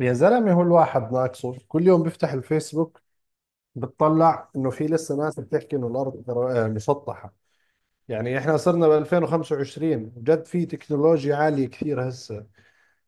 يا زلمة، هو الواحد ناقصه؟ كل يوم بيفتح الفيسبوك بتطلع انه في لسه ناس بتحكي انه الارض مسطحة. يعني احنا صرنا ب 2025، وجد في تكنولوجيا عالية كثير هسه.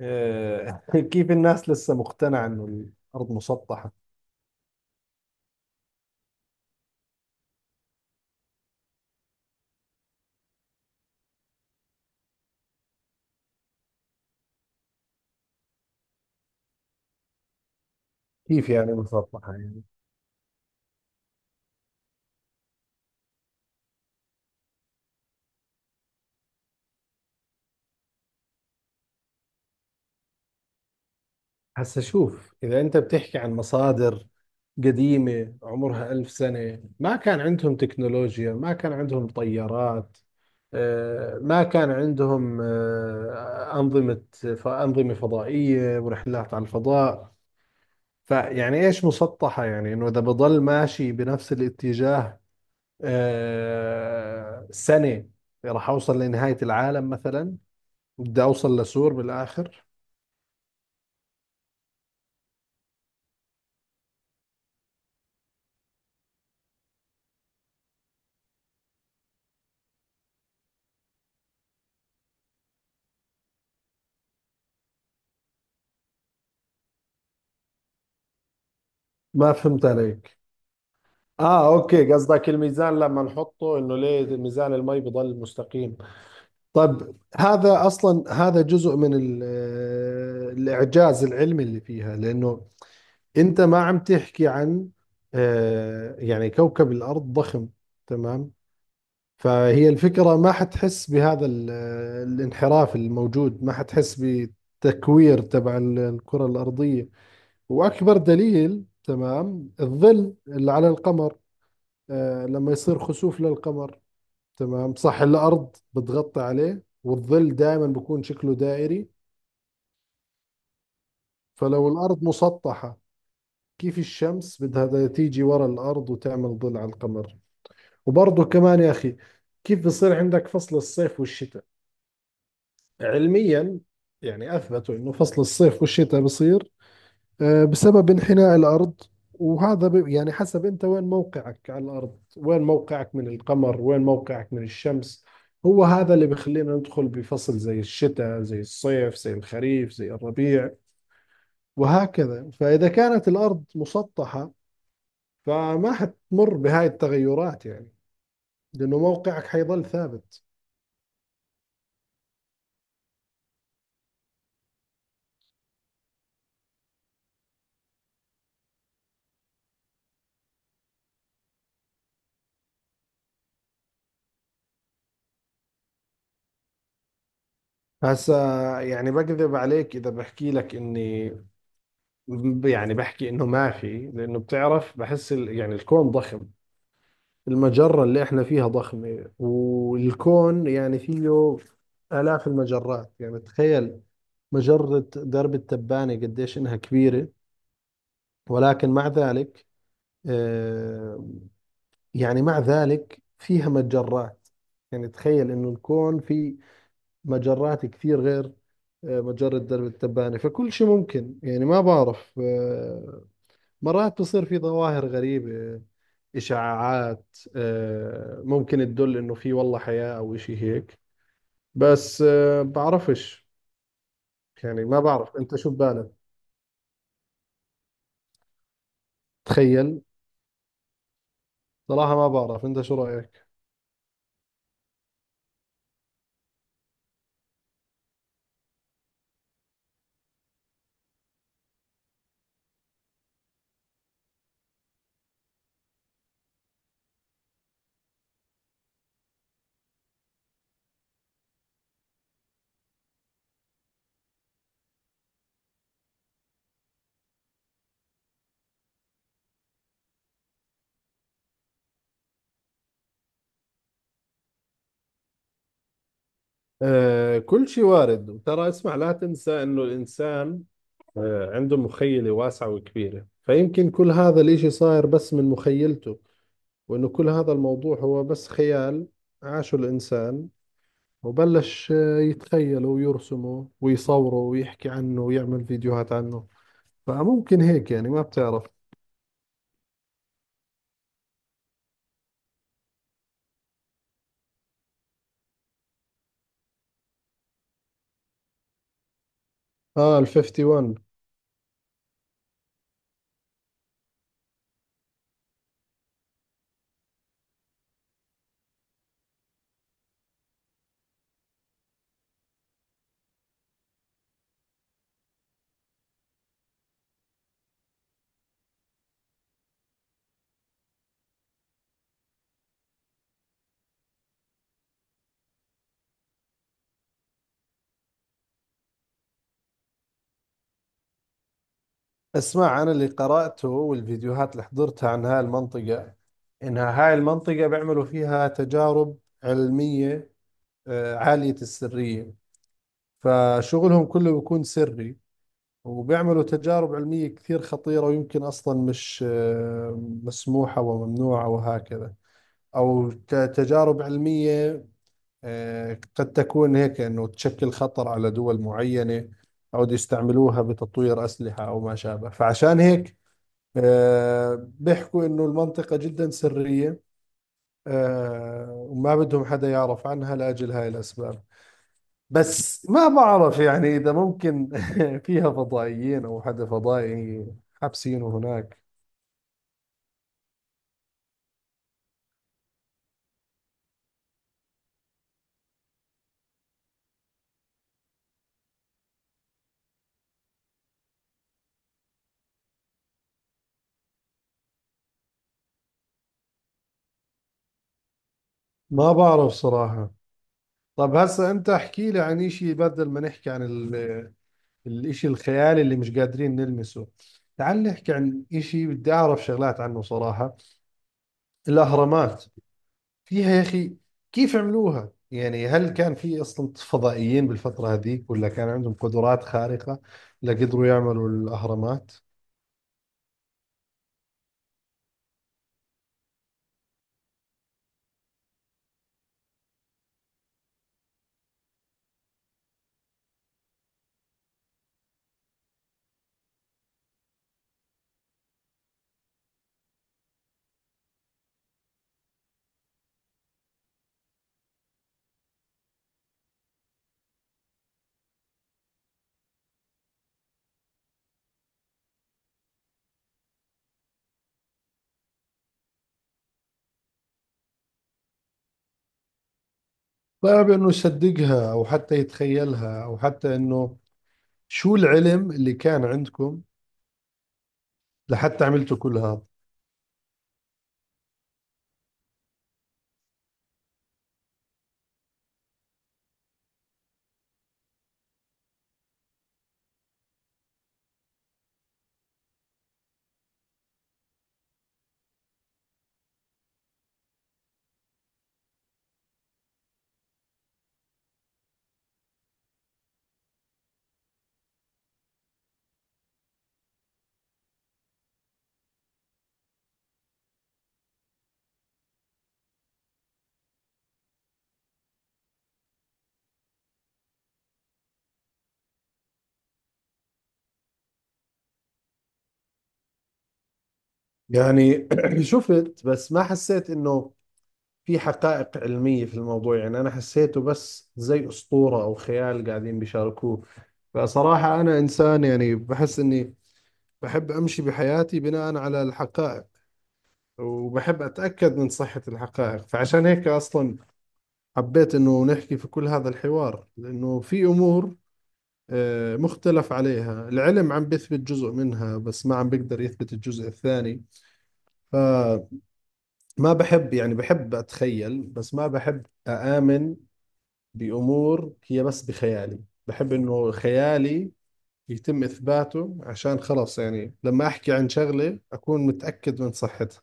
آه، كيف الناس لسه مقتنعة انه الارض مسطحة؟ كيف يعني مسطحة؟ هسا شوف، إذا أنت بتحكي عن مصادر قديمة عمرها 1000 سنة، ما كان عندهم تكنولوجيا، ما كان عندهم طيارات، ما كان عندهم أنظمة فضائية ورحلات على الفضاء. فيعني إيش مسطحة؟ يعني إنه إذا بضل ماشي بنفس الاتجاه آه، سنة راح أوصل لنهاية العالم مثلا، بدي أوصل لسور بالآخر. ما فهمت عليك. اه، اوكي، قصدك الميزان لما نحطه انه ليه ميزان المي بضل مستقيم. طب هذا جزء من الاعجاز العلمي اللي فيها، لانه انت ما عم تحكي عن يعني كوكب الارض ضخم، تمام؟ فهي الفكرة ما حتحس بهذا الانحراف الموجود، ما حتحس بتكوير تبع الكرة الارضية. واكبر دليل، تمام، الظل اللي على القمر. لما يصير خسوف للقمر، تمام صح، الأرض بتغطي عليه، والظل دائما بيكون شكله دائري. فلو الأرض مسطحة، كيف الشمس بدها تيجي ورا الأرض وتعمل ظل على القمر؟ وبرضه كمان يا أخي، كيف بصير عندك فصل الصيف والشتاء علميا؟ يعني أثبتوا إنه فصل الصيف والشتاء بصير بسبب انحناء الأرض، وهذا يعني حسب أنت وين موقعك على الأرض، وين موقعك من القمر، وين موقعك من الشمس. هو هذا اللي بخلينا ندخل بفصل زي الشتاء، زي الصيف، زي الخريف، زي الربيع، وهكذا. فإذا كانت الأرض مسطحة، فما حتمر بهاي التغيرات، يعني لأنه موقعك حيظل ثابت. هسا يعني بكذب عليك إذا بحكي لك إني يعني بحكي إنه ما في، لأنه بتعرف بحس يعني الكون ضخم. المجرة اللي احنا فيها ضخمة، والكون يعني فيه آلاف المجرات. يعني تخيل، مجرة درب التبانة قديش إنها كبيرة. ولكن مع ذلك، آه، يعني مع ذلك فيها مجرات. يعني تخيل إنه الكون فيه مجرات كثير غير مجرة درب التبانة. فكل شيء ممكن، يعني ما بعرف. مرات بصير في ظواهر غريبة، إشاعات، ممكن تدل إنه في والله حياة أو إشي هيك، بس بعرفش. يعني ما بعرف أنت شو ببالك، تخيل. صراحة ما بعرف أنت شو رأيك. كل شيء وارد. وترى اسمع، لا تنسى انه الانسان عنده مخيلة واسعة وكبيرة، فيمكن كل هذا الاشي صاير بس من مخيلته، وانه كل هذا الموضوع هو بس خيال عاشه الانسان وبلش يتخيله ويرسمه ويصوره ويحكي عنه ويعمل فيديوهات عنه. فممكن هيك، يعني ما بتعرف. اه، ال 51. اسمع، انا اللي قرأته والفيديوهات اللي حضرتها عن هاي المنطقة، انها هاي المنطقة بيعملوا فيها تجارب علمية عالية السرية. فشغلهم كله بيكون سري، وبيعملوا تجارب علمية كثير خطيرة، ويمكن أصلا مش مسموحة وممنوعة، وهكذا، أو تجارب علمية قد تكون هيك انه تشكل خطر على دول معينة، او بده يستعملوها بتطوير اسلحة او ما شابه. فعشان هيك بيحكوا انه المنطقة جدا سرية، وما بدهم حدا يعرف عنها لاجل هاي الاسباب. بس ما بعرف، يعني اذا ممكن فيها فضائيين او حدا فضائي حابسينه هناك. ما بعرف صراحة. طب هسا انت احكي لي عن شيء، بدل ما نحكي عن الإشي الخيالي اللي مش قادرين نلمسه، تعال نحكي عن إشي بدي أعرف شغلات عنه صراحة. الأهرامات، فيها يا أخي، كيف عملوها؟ يعني هل كان في أصلا فضائيين بالفترة هذيك، ولا كان عندهم قدرات خارقة لقدروا يعملوا الأهرامات؟ صعب إنه يصدقها، أو حتى يتخيلها، أو حتى إنه شو العلم اللي كان عندكم لحتى عملتوا كل هذا. يعني شفت، بس ما حسيت إنه في حقائق علمية في الموضوع. يعني أنا حسيته بس زي أسطورة أو خيال قاعدين بيشاركوه. فصراحة أنا إنسان يعني بحس إني بحب أمشي بحياتي بناء على الحقائق، وبحب أتأكد من صحة الحقائق. فعشان هيك أصلا حبيت إنه نحكي في كل هذا الحوار، لأنه في أمور مختلف عليها، العلم عم بيثبت جزء منها بس ما عم بيقدر يثبت الجزء الثاني. فما بحب يعني، بحب أتخيل، بس ما بحب أآمن بأمور هي بس بخيالي. بحب إنه خيالي يتم إثباته، عشان خلاص يعني لما أحكي عن شغلة أكون متأكد من صحتها.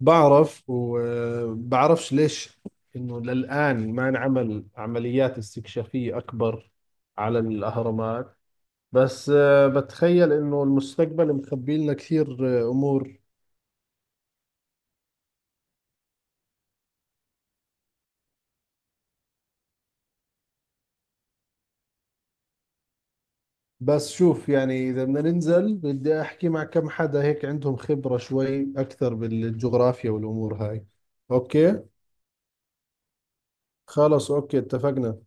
بعرف، وبعرفش ليش إنه للآن ما انعمل عمليات استكشافية أكبر على الأهرامات. بس بتخيل إنه المستقبل مخبي لنا كثير أمور. بس شوف يعني، إذا بدنا ننزل، بدي أحكي مع كم حدا هيك عندهم خبرة شوي أكثر بالجغرافيا والأمور هاي. أوكي. خلص، أوكي، اتفقنا.